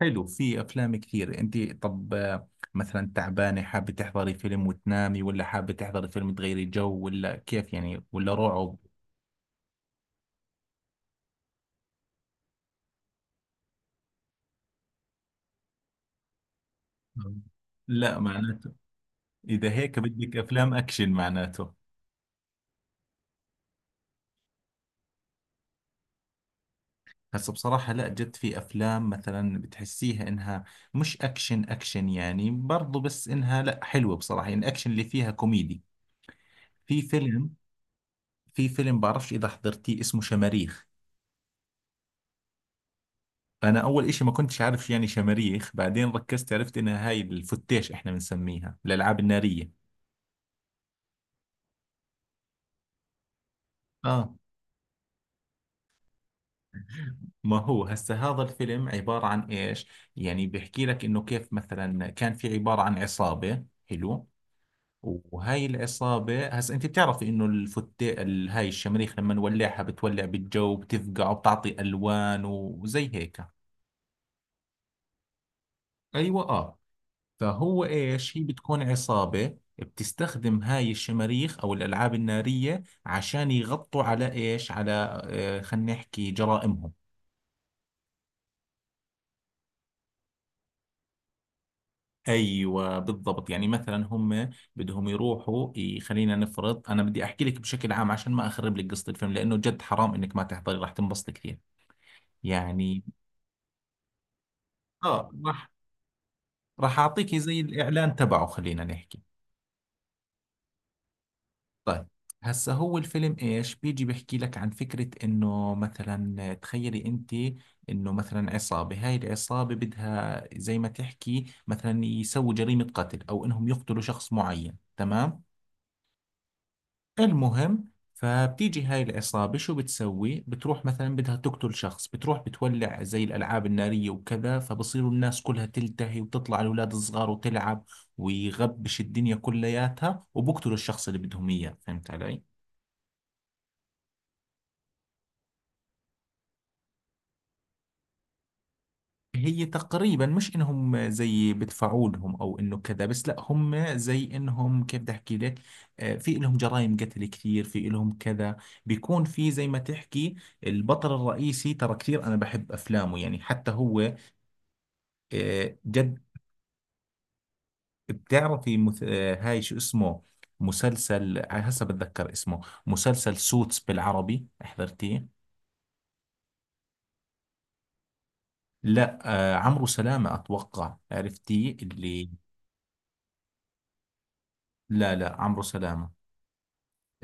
حلو، في افلام كثير. انت طب مثلا تعبانه، حابه تحضري فيلم وتنامي ولا حابه تحضري فيلم تغيري جو ولا كيف يعني، ولا رعب؟ لا معناته، اذا هيك بدك افلام اكشن معناته. هسه بصراحة لا، جد في افلام مثلا بتحسيها انها مش اكشن يعني، برضو بس انها لا حلوة بصراحة، يعني الاكشن اللي فيها كوميدي. في فيلم في فيلم بعرفش اذا حضرتيه، اسمه شماريخ. انا اول اشي ما كنتش عارف يعني شماريخ، بعدين ركزت عرفت انها هاي الفتيش احنا بنسميها الالعاب النارية. اه، ما هو هسه هذا الفيلم عبارة عن ايش؟ يعني بيحكي لك انه كيف مثلا كان في عبارة عن عصابة، حلو؟ وهاي العصابة هسه انت بتعرفي انه هاي الشماريخ لما نولعها بتولع بالجو، بتفقع وبتعطي الوان وزي هيك. ايوه، اه. فهو ايش، هي بتكون عصابة بتستخدم هاي الشماريخ او الالعاب النارية عشان يغطوا على ايش، على خلينا نحكي جرائمهم. ايوه بالضبط، يعني مثلا هم بدهم يروحوا خلينا نفرض، انا بدي احكي لك بشكل عام عشان ما اخرب لك قصة الفيلم، لانه جد حرام انك ما تحضري، راح تنبسطي كثير يعني. اه، راح اعطيكي زي الاعلان تبعه، خلينا نحكي. طيب، هسا هو الفيلم ايش بيجي بيحكي لك عن فكرة انه مثلا تخيلي انت انه مثلا عصابة، هاي العصابة بدها زي ما تحكي مثلا يسووا جريمة قتل او انهم يقتلوا شخص معين، تمام؟ المهم، فبتيجي هاي العصابة شو بتسوي، بتروح مثلا بدها تقتل شخص، بتروح بتولع زي الالعاب النارية وكذا، فبصيروا الناس كلها تلتهي وتطلع الاولاد الصغار وتلعب ويغبش الدنيا كلياتها، وبقتلوا الشخص اللي بدهم اياه. فهمت علي؟ هي تقريبا مش انهم زي بدفعوا لهم او انه كذا، بس لا هم زي انهم كيف بدي احكي لك، في لهم جرائم قتل كثير، في لهم كذا. بيكون في زي ما تحكي البطل الرئيسي، ترى كثير انا بحب افلامه يعني حتى هو. جد. بتعرفي مث... آه، هاي شو اسمه، مسلسل، هسه بتذكر اسمه، مسلسل سوتس بالعربي حضرتيه؟ لا، عمرو سلامة اتوقع، عرفتيه اللي؟ لا لا، عمرو سلامة.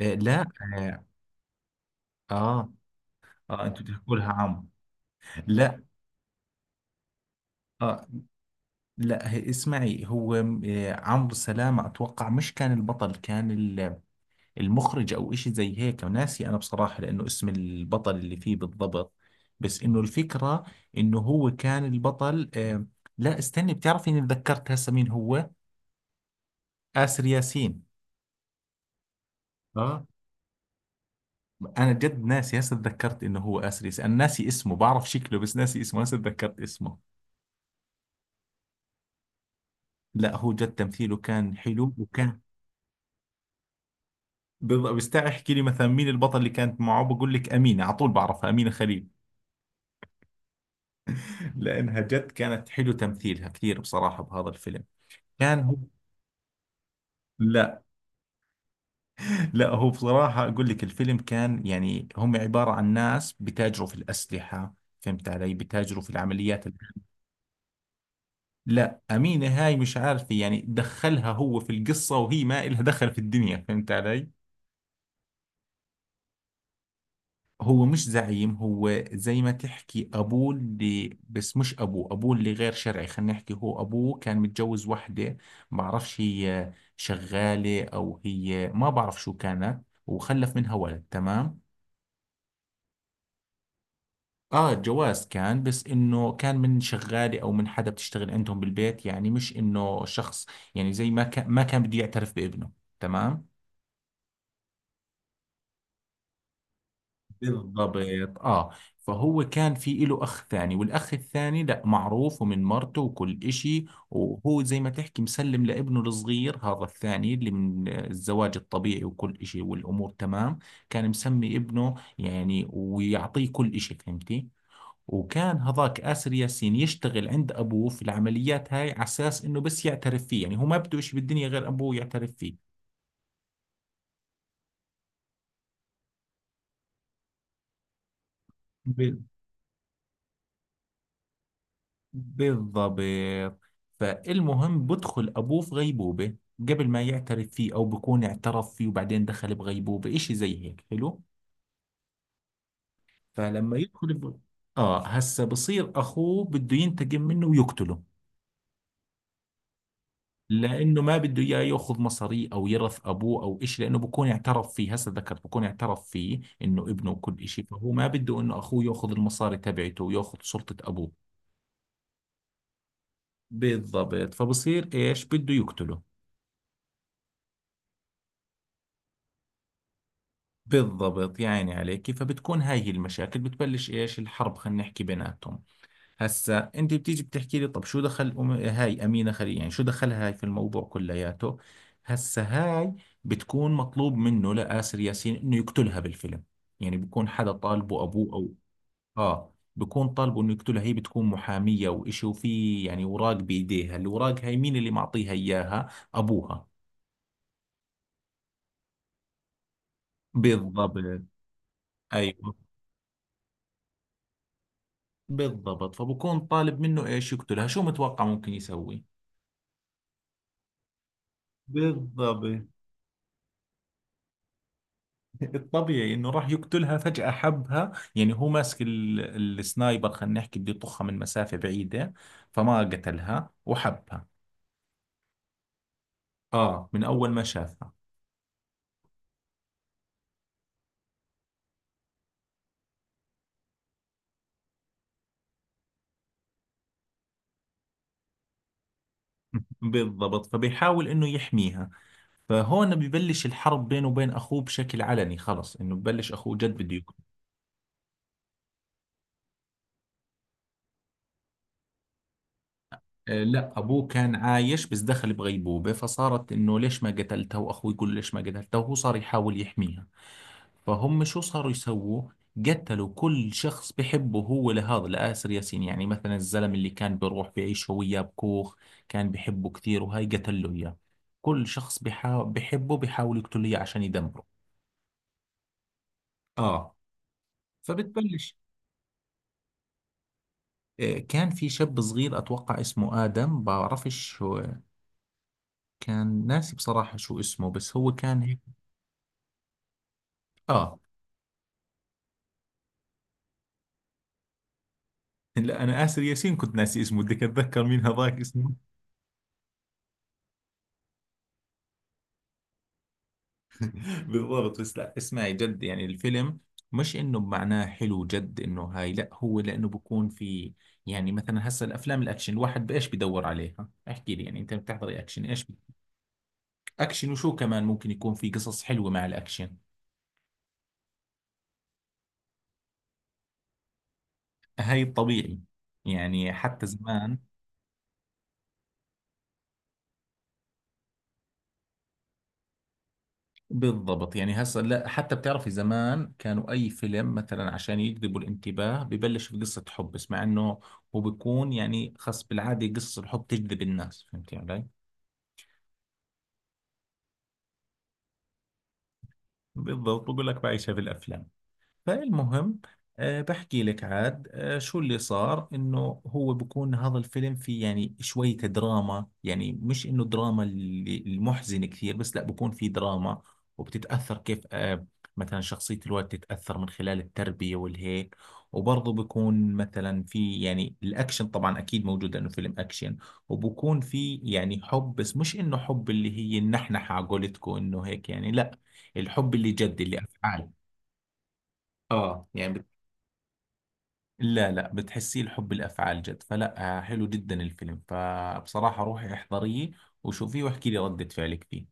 آه، لا آه، اه اه، انتوا بتحكوا لها عمرو؟ لا. اه. لا هي اسمعي، هو عمرو سلامة اتوقع مش كان البطل، كان المخرج او اشي زي هيك، ناسي انا بصراحة لانه اسم البطل اللي فيه بالضبط، بس انه الفكرة انه هو كان البطل. لا، استني، بتعرفي اني تذكرت هسه مين هو، آسر ياسين. اه، انا جد ناسي، هسه تذكرت انه هو آسر ياسين، انا ناسي اسمه، بعرف شكله بس ناسي اسمه، هسه تذكرت اسمه. لا هو جد تمثيله كان حلو، وكان بض- بستاع احكي لي مثلا مين البطل اللي كانت معه بقول لك امينه على طول، بعرفها امينه خليل، لانها جد كانت حلو تمثيلها كثير بصراحه بهذا الفيلم. كان هو، لا لا، هو بصراحه اقول لك الفيلم كان يعني هم عباره عن ناس بتاجروا في الاسلحه. فهمت علي؟ بتاجروا في العمليات لا، امينه هاي مش عارفه يعني دخلها، هو في القصه وهي ما إلها دخل في الدنيا، فهمت علي؟ هو مش زعيم، هو زي ما تحكي أبوه اللي، بس مش أبوه، أبوه اللي غير شرعي، خلينا نحكي هو أبوه كان متجوز وحدة، بعرفش هي شغالة أو هي ما بعرف شو كانت، وخلف منها ولد، تمام؟ آه جواز كان، بس إنه كان من شغالة أو من حدا بتشتغل عندهم بالبيت، يعني مش إنه شخص يعني زي ما كان، ما كان بده يعترف بابنه، تمام. بالضبط، اه. فهو كان في له اخ ثاني، والاخ الثاني لا، معروف ومن مرته وكل اشي، وهو زي ما تحكي مسلم لابنه الصغير هذا الثاني اللي من الزواج الطبيعي وكل اشي، والامور تمام، كان مسمي ابنه يعني ويعطيه كل اشي، فهمتي؟ وكان هذاك آسر ياسين يشتغل عند أبوه في العمليات هاي على أساس إنه بس يعترف فيه، يعني هو ما بده إشي بالدنيا غير أبوه يعترف فيه. بالضبط، فالمهم بدخل أبوه في غيبوبة قبل ما يعترف فيه، أو بكون اعترف فيه وبعدين دخل بغيبوبة إشي زي هيك، حلو؟ فلما يدخل ب... آه، هسا بصير أخوه بده ينتقم منه ويقتله، لأنه ما بده إياه يأخذ مصاري أو يرث أبوه أو إشي، لأنه بكون اعترف فيه، هسا ذكرت، بكون اعترف فيه إنه ابنه وكل إشي، فهو ما بده إنه أخوه يأخذ المصاري تبعته ويأخذ سلطة أبوه. بالضبط، فبصير إيش، بده يقتله. بالضبط يا عيني عليك، فبتكون هاي هي المشاكل، بتبلش ايش، الحرب خلينا نحكي بيناتهم. هسا انت بتيجي بتحكي لي طب شو دخل هاي امينه خليل، يعني شو دخلها هاي في الموضوع كلياته. هسا هاي بتكون مطلوب منه لآسر ياسين انه يقتلها بالفيلم، يعني بيكون حدا طالبه، ابوه او اه، بيكون طالبه انه يقتلها. هي بتكون محاميه وإشي، وفي يعني اوراق بايديها، الاوراق هاي مين اللي معطيها اياها، ابوها. بالضبط. ايوه بالضبط، فبكون طالب منه ايش، يقتلها. شو متوقع ممكن يسوي؟ بالضبط، الطبيعي انه راح يقتلها، فجأة حبها. يعني هو ماسك السنايبر خلينا نحكي، بده يطخها من مسافة بعيدة، فما قتلها وحبها. اه، من اول ما شافها. بالضبط، فبيحاول انه يحميها، فهون ببلش الحرب بينه وبين اخوه بشكل علني، خلص انه ببلش اخوه جد بده. لا ابوه كان عايش بس دخل بغيبوبة، فصارت انه ليش ما قتلته، واخوه يقول له ليش ما قتلته، وهو صار يحاول يحميها. فهم شو صاروا يسووا، قتلوا كل شخص بحبه هو، لهذا لآسر ياسين، يعني مثلا الزلم اللي كان بيروح بيعيش هو وياه بكوخ، كان بحبه كثير، وهاي قتل له اياه. كل شخص بحبه بيحاول يقتله اياه عشان يدمره. اه، فبتبلش. كان في شاب صغير اتوقع اسمه آدم، بعرفش شو، كان ناسي بصراحة شو اسمه، بس هو كان هيك. اه، لا انا اسر ياسين كنت ناسي اسمه، بدك اتذكر مين هذاك اسمه. بالضبط، بس لا اسمعي جد يعني الفيلم مش انه بمعناه حلو، جد انه هاي، لا هو لانه بكون في يعني، مثلا هسه الافلام الاكشن الواحد بايش بدور عليها، احكي لي يعني انت بتحضري اكشن ايش اكشن وشو كمان ممكن يكون في، قصص حلوة مع الاكشن. هاي الطبيعي، يعني حتى زمان. بالضبط، يعني هسه لا حتى بتعرفي زمان كانوا اي فيلم مثلا عشان يجذبوا الانتباه ببلش بقصة حب، بس مع انه هو بيكون يعني خاص بالعادة قصة الحب تجذب الناس، فهمتي علي؟ بالضبط، بقول لك بعيشها بالافلام. فالمهم، بحكي لك عاد شو اللي صار، انه هو بكون هذا الفيلم فيه يعني شوية دراما، يعني مش انه دراما المحزنة كثير، بس لا بكون في دراما، وبتتأثر كيف، مثلا شخصية الولد تتأثر من خلال التربية والهيك. وبرضه بكون مثلا في يعني الأكشن طبعا أكيد موجود لأنه فيلم أكشن، وبكون في يعني حب، بس مش إنه حب اللي هي النحنحة على قولتكم إنه هيك يعني، لا، الحب اللي جد اللي أفعال. اه يعني، لا لا، بتحسيه الحب الافعال جد، فلا حلو جدا الفيلم، فبصراحه روحي احضريه وشوفيه واحكي لي رده فعلك فيه.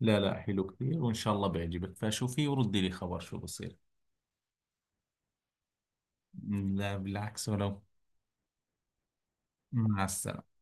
لا لا، حلو كثير وان شاء الله بيعجبك، فشوفيه وردي لي خبر شو بصير. لا بالعكس، ولو. مع السلامه.